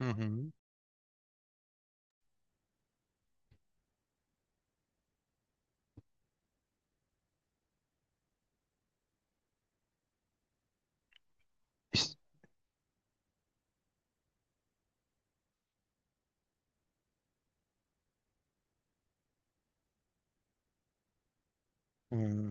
Hı hı. Hmm.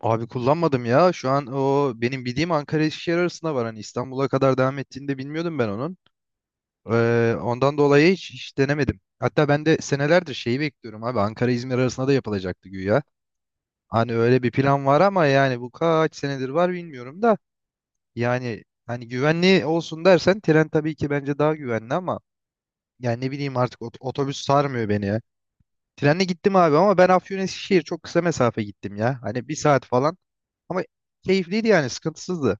Abi kullanmadım ya. Şu an o benim bildiğim Ankara Eskişehir arasında var. Hani İstanbul'a kadar devam ettiğini de bilmiyordum ben onun. Ondan dolayı hiç denemedim. Hatta ben de senelerdir şeyi bekliyorum abi. Ankara-İzmir arasında da yapılacaktı güya. Hani öyle bir plan var ama yani bu kaç senedir var bilmiyorum da. Yani hani güvenli olsun dersen tren tabii ki bence daha güvenli ama yani ne bileyim artık otobüs sarmıyor beni ya. Trenle gittim abi ama ben Afyon Eskişehir çok kısa mesafe gittim ya. Hani bir saat falan. Ama keyifliydi yani sıkıntısızdı.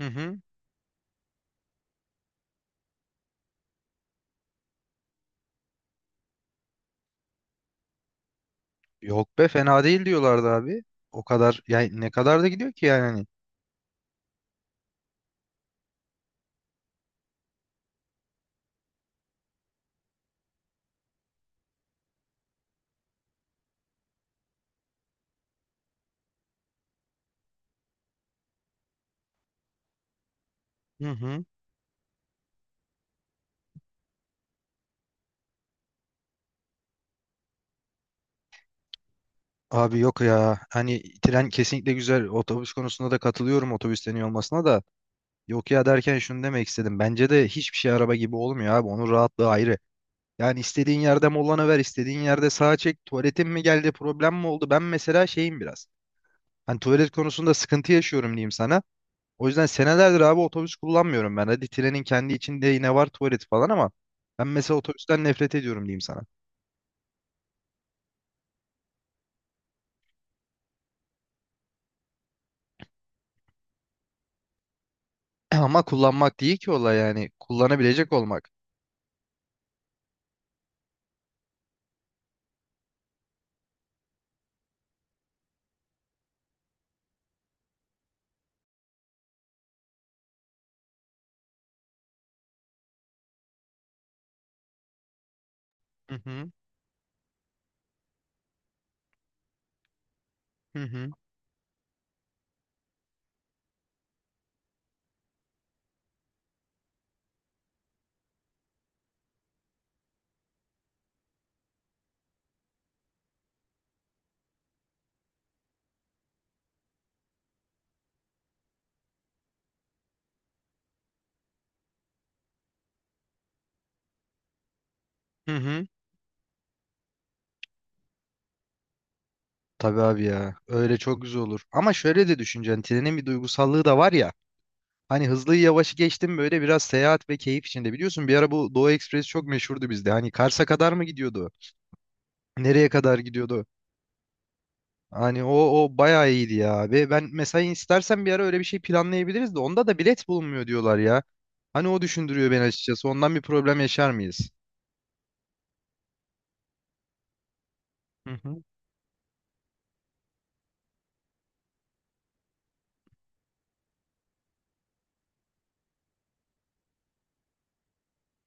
Hı hı. Yok be fena değil diyorlardı abi. O kadar yani ne kadar da gidiyor ki yani hani. Hı hı. Abi yok ya hani tren kesinlikle güzel, otobüs konusunda da katılıyorum otobüsten iyi olmasına da. Yok ya derken şunu demek istedim, bence de hiçbir şey araba gibi olmuyor abi, onun rahatlığı ayrı. Yani istediğin yerde molana ver, istediğin yerde sağa çek, tuvaletin mi geldi, problem mi oldu. Ben mesela şeyim biraz, hani tuvalet konusunda sıkıntı yaşıyorum diyeyim sana. O yüzden senelerdir abi otobüs kullanmıyorum ben. Hadi trenin kendi içinde yine var tuvalet falan ama ben mesela otobüsten nefret ediyorum diyeyim sana. Ama kullanmak değil ki olay yani. Kullanabilecek olmak. Hı hı hı hı hı hı. Tabii abi ya. Öyle çok güzel olur. Ama şöyle de düşüneceksin. Trenin bir duygusallığı da var ya. Hani hızlıyı yavaşı geçtim, böyle biraz seyahat ve keyif içinde. Biliyorsun bir ara bu Doğu Ekspresi çok meşhurdu bizde. Hani Kars'a kadar mı gidiyordu? Nereye kadar gidiyordu? Hani o bayağı iyiydi ya abi. Ben mesela istersen bir ara öyle bir şey planlayabiliriz de onda da bilet bulunmuyor diyorlar ya. Hani o düşündürüyor beni açıkçası. Ondan bir problem yaşar mıyız? Hı hı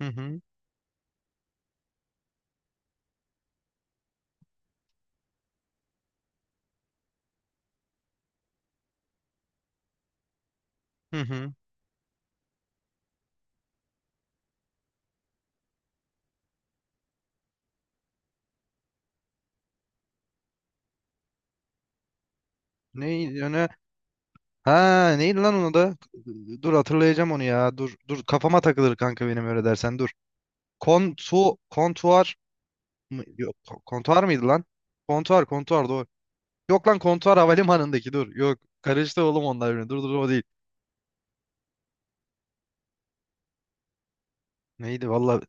hı hı hı hı. Ne öne? Ha neydi lan onu da? Dur hatırlayacağım onu ya. Dur dur kafama takılır kanka, benim öyle dersen dur. Kontuar mı? Yok, kontuar mıydı lan? Kontuar kontuar doğru. Yok lan, kontuar havalimanındaki, dur. Yok, karıştı oğlum onlar birbirine. Dur dur, o değil. Neydi valla.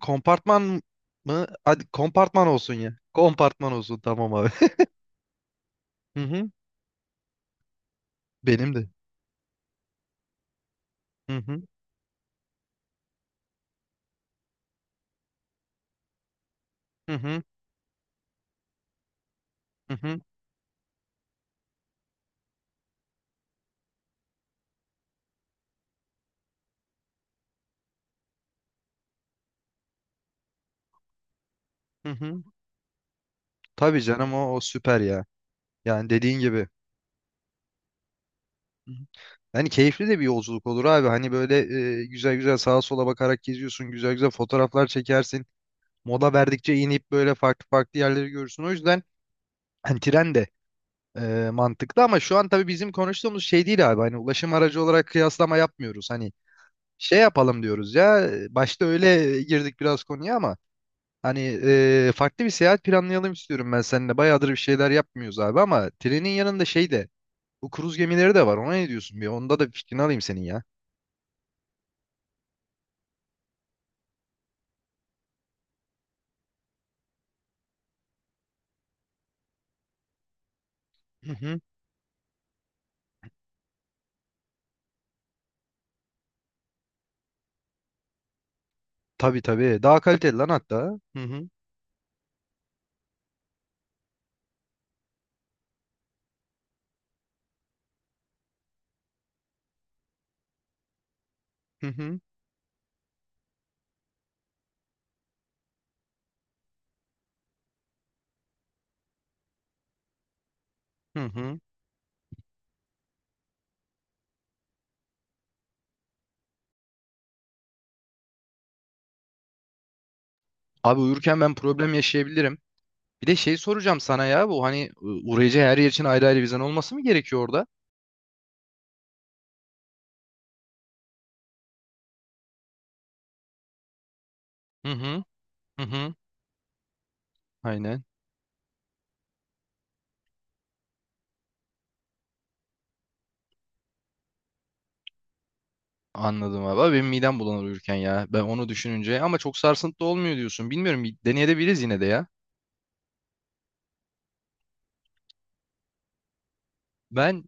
Kompartman mı? Hadi kompartman olsun ya. Kompartman olsun tamam abi. Hı hı. Benim de. Hı hı. Hı hı. Hı hı. Hı hı. Tabii canım, o süper ya. Yani dediğin gibi. Hı hı. Hani keyifli de bir yolculuk olur abi. Hani böyle güzel güzel sağa sola bakarak geziyorsun. Güzel güzel fotoğraflar çekersin. Mola verdikçe inip böyle farklı farklı yerleri görürsün. O yüzden hani tren de mantıklı ama şu an tabii bizim konuştuğumuz şey değil abi. Hani ulaşım aracı olarak kıyaslama yapmıyoruz. Hani şey yapalım diyoruz ya. Başta öyle girdik biraz konuya ama hani farklı bir seyahat planlayalım istiyorum ben seninle. Bayağıdır bir şeyler yapmıyoruz abi. Ama trenin yanında şey de, bu kruz gemileri de var. Ona ne diyorsun bir? Onda da bir fikrini alayım senin ya. Hı hı. Tabii tabii. Daha kaliteli lan hatta. Hı hı. Hı hı. Hı hı. Abi uyurken ben problem yaşayabilirim. Bir de şey soracağım sana ya, bu hani uğrayacağı her yer için ayrı ayrı vizen olması mı gerekiyor orada? Hı hı. Hı hı. Aynen. Anladım abi. Abi benim midem bulanır uyurken ya. Ben onu düşününce, ama çok sarsıntı olmuyor diyorsun. Bilmiyorum, bir deneyebiliriz yine de ya. Ben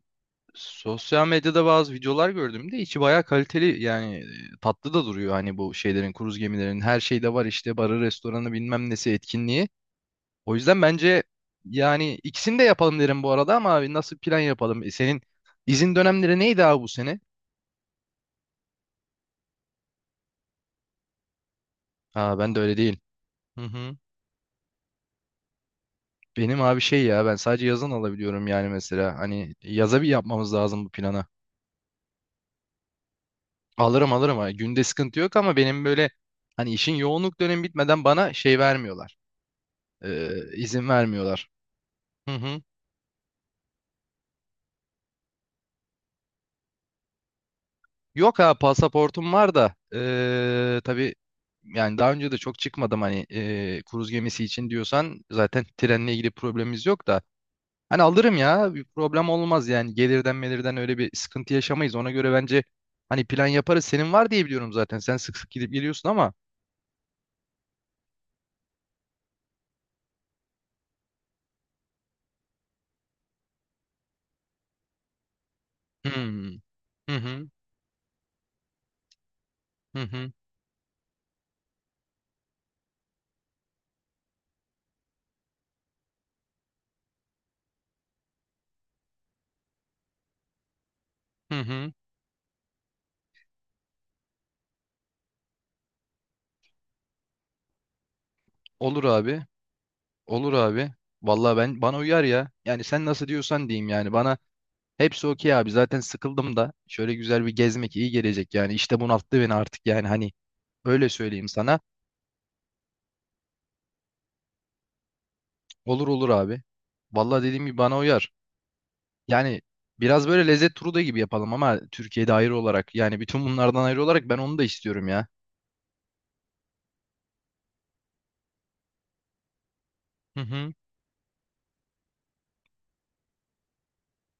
sosyal medyada bazı videolar gördüm de içi bayağı kaliteli, yani tatlı da duruyor hani bu şeylerin, kruz gemilerin her şeyde var işte, barı, restoranı, bilmem nesi, etkinliği. O yüzden bence yani ikisini de yapalım derim bu arada ama abi nasıl plan yapalım? Senin izin dönemleri neydi abi bu sene? Ha ben de öyle değil. Hı hı. Benim abi şey ya, ben sadece yazın alabiliyorum, yani mesela hani yaza bir yapmamız lazım bu plana. Alırım alırım ha. Günde sıkıntı yok ama benim böyle hani işin yoğunluk dönemi bitmeden bana şey vermiyorlar. İzin vermiyorlar. Hı hı. Yok, ha pasaportum var da, tabii, yani daha önce de çok çıkmadım hani, kruz gemisi için diyorsan zaten trenle ilgili problemimiz yok da. Hani alırım ya, bir problem olmaz, yani gelirden melirden öyle bir sıkıntı yaşamayız. Ona göre bence hani plan yaparız. Senin var diye biliyorum zaten, sen sık sık gidip geliyorsun ama. Hmm. Hı hı. Hı hı. Hı hı. Olur abi. Olur abi. Vallahi ben, bana uyar ya. Yani sen nasıl diyorsan diyeyim, yani bana hepsi okey abi. Zaten sıkıldım da, şöyle güzel bir gezmek iyi gelecek yani. İşte bunalttı beni artık yani, hani öyle söyleyeyim sana. Olur olur abi. Vallahi dediğim gibi bana uyar. Yani biraz böyle lezzet turu da gibi yapalım ama Türkiye'de, ayrı olarak. Yani bütün bunlardan ayrı olarak ben onu da istiyorum ya. Hı hı.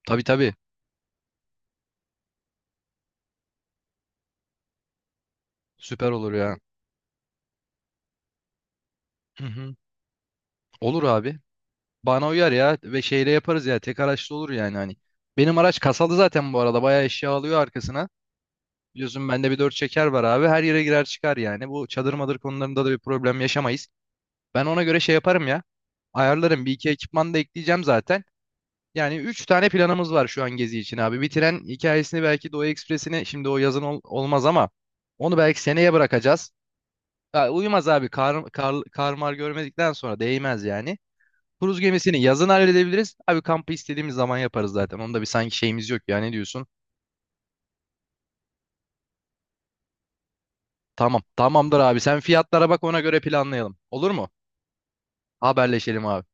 Tabii tabii. Süper olur ya. Hı hı. Olur abi. Bana uyar ya, ve şeyle yaparız ya. Tek araçlı olur yani hani. Benim araç kasalı zaten bu arada. Bayağı eşya alıyor arkasına. Biliyorsun bende bir dört çeker var abi. Her yere girer çıkar yani. Bu çadır madır konularında da bir problem yaşamayız. Ben ona göre şey yaparım ya. Ayarlarım. Bir iki ekipman da ekleyeceğim zaten. Yani 3 tane planımız var şu an gezi için abi. Bitiren hikayesini, belki Doğu Ekspresi'ne, şimdi o yazın olmaz ama onu belki seneye bırakacağız. Ya uyumaz abi, karmar görmedikten sonra değmez yani. Kruz gemisini yazın halledebiliriz. Abi kampı istediğimiz zaman yaparız zaten. Onda bir sanki şeyimiz yok ya, ne diyorsun? Tamam tamamdır abi, sen fiyatlara bak ona göre planlayalım. Olur mu? Haberleşelim abi.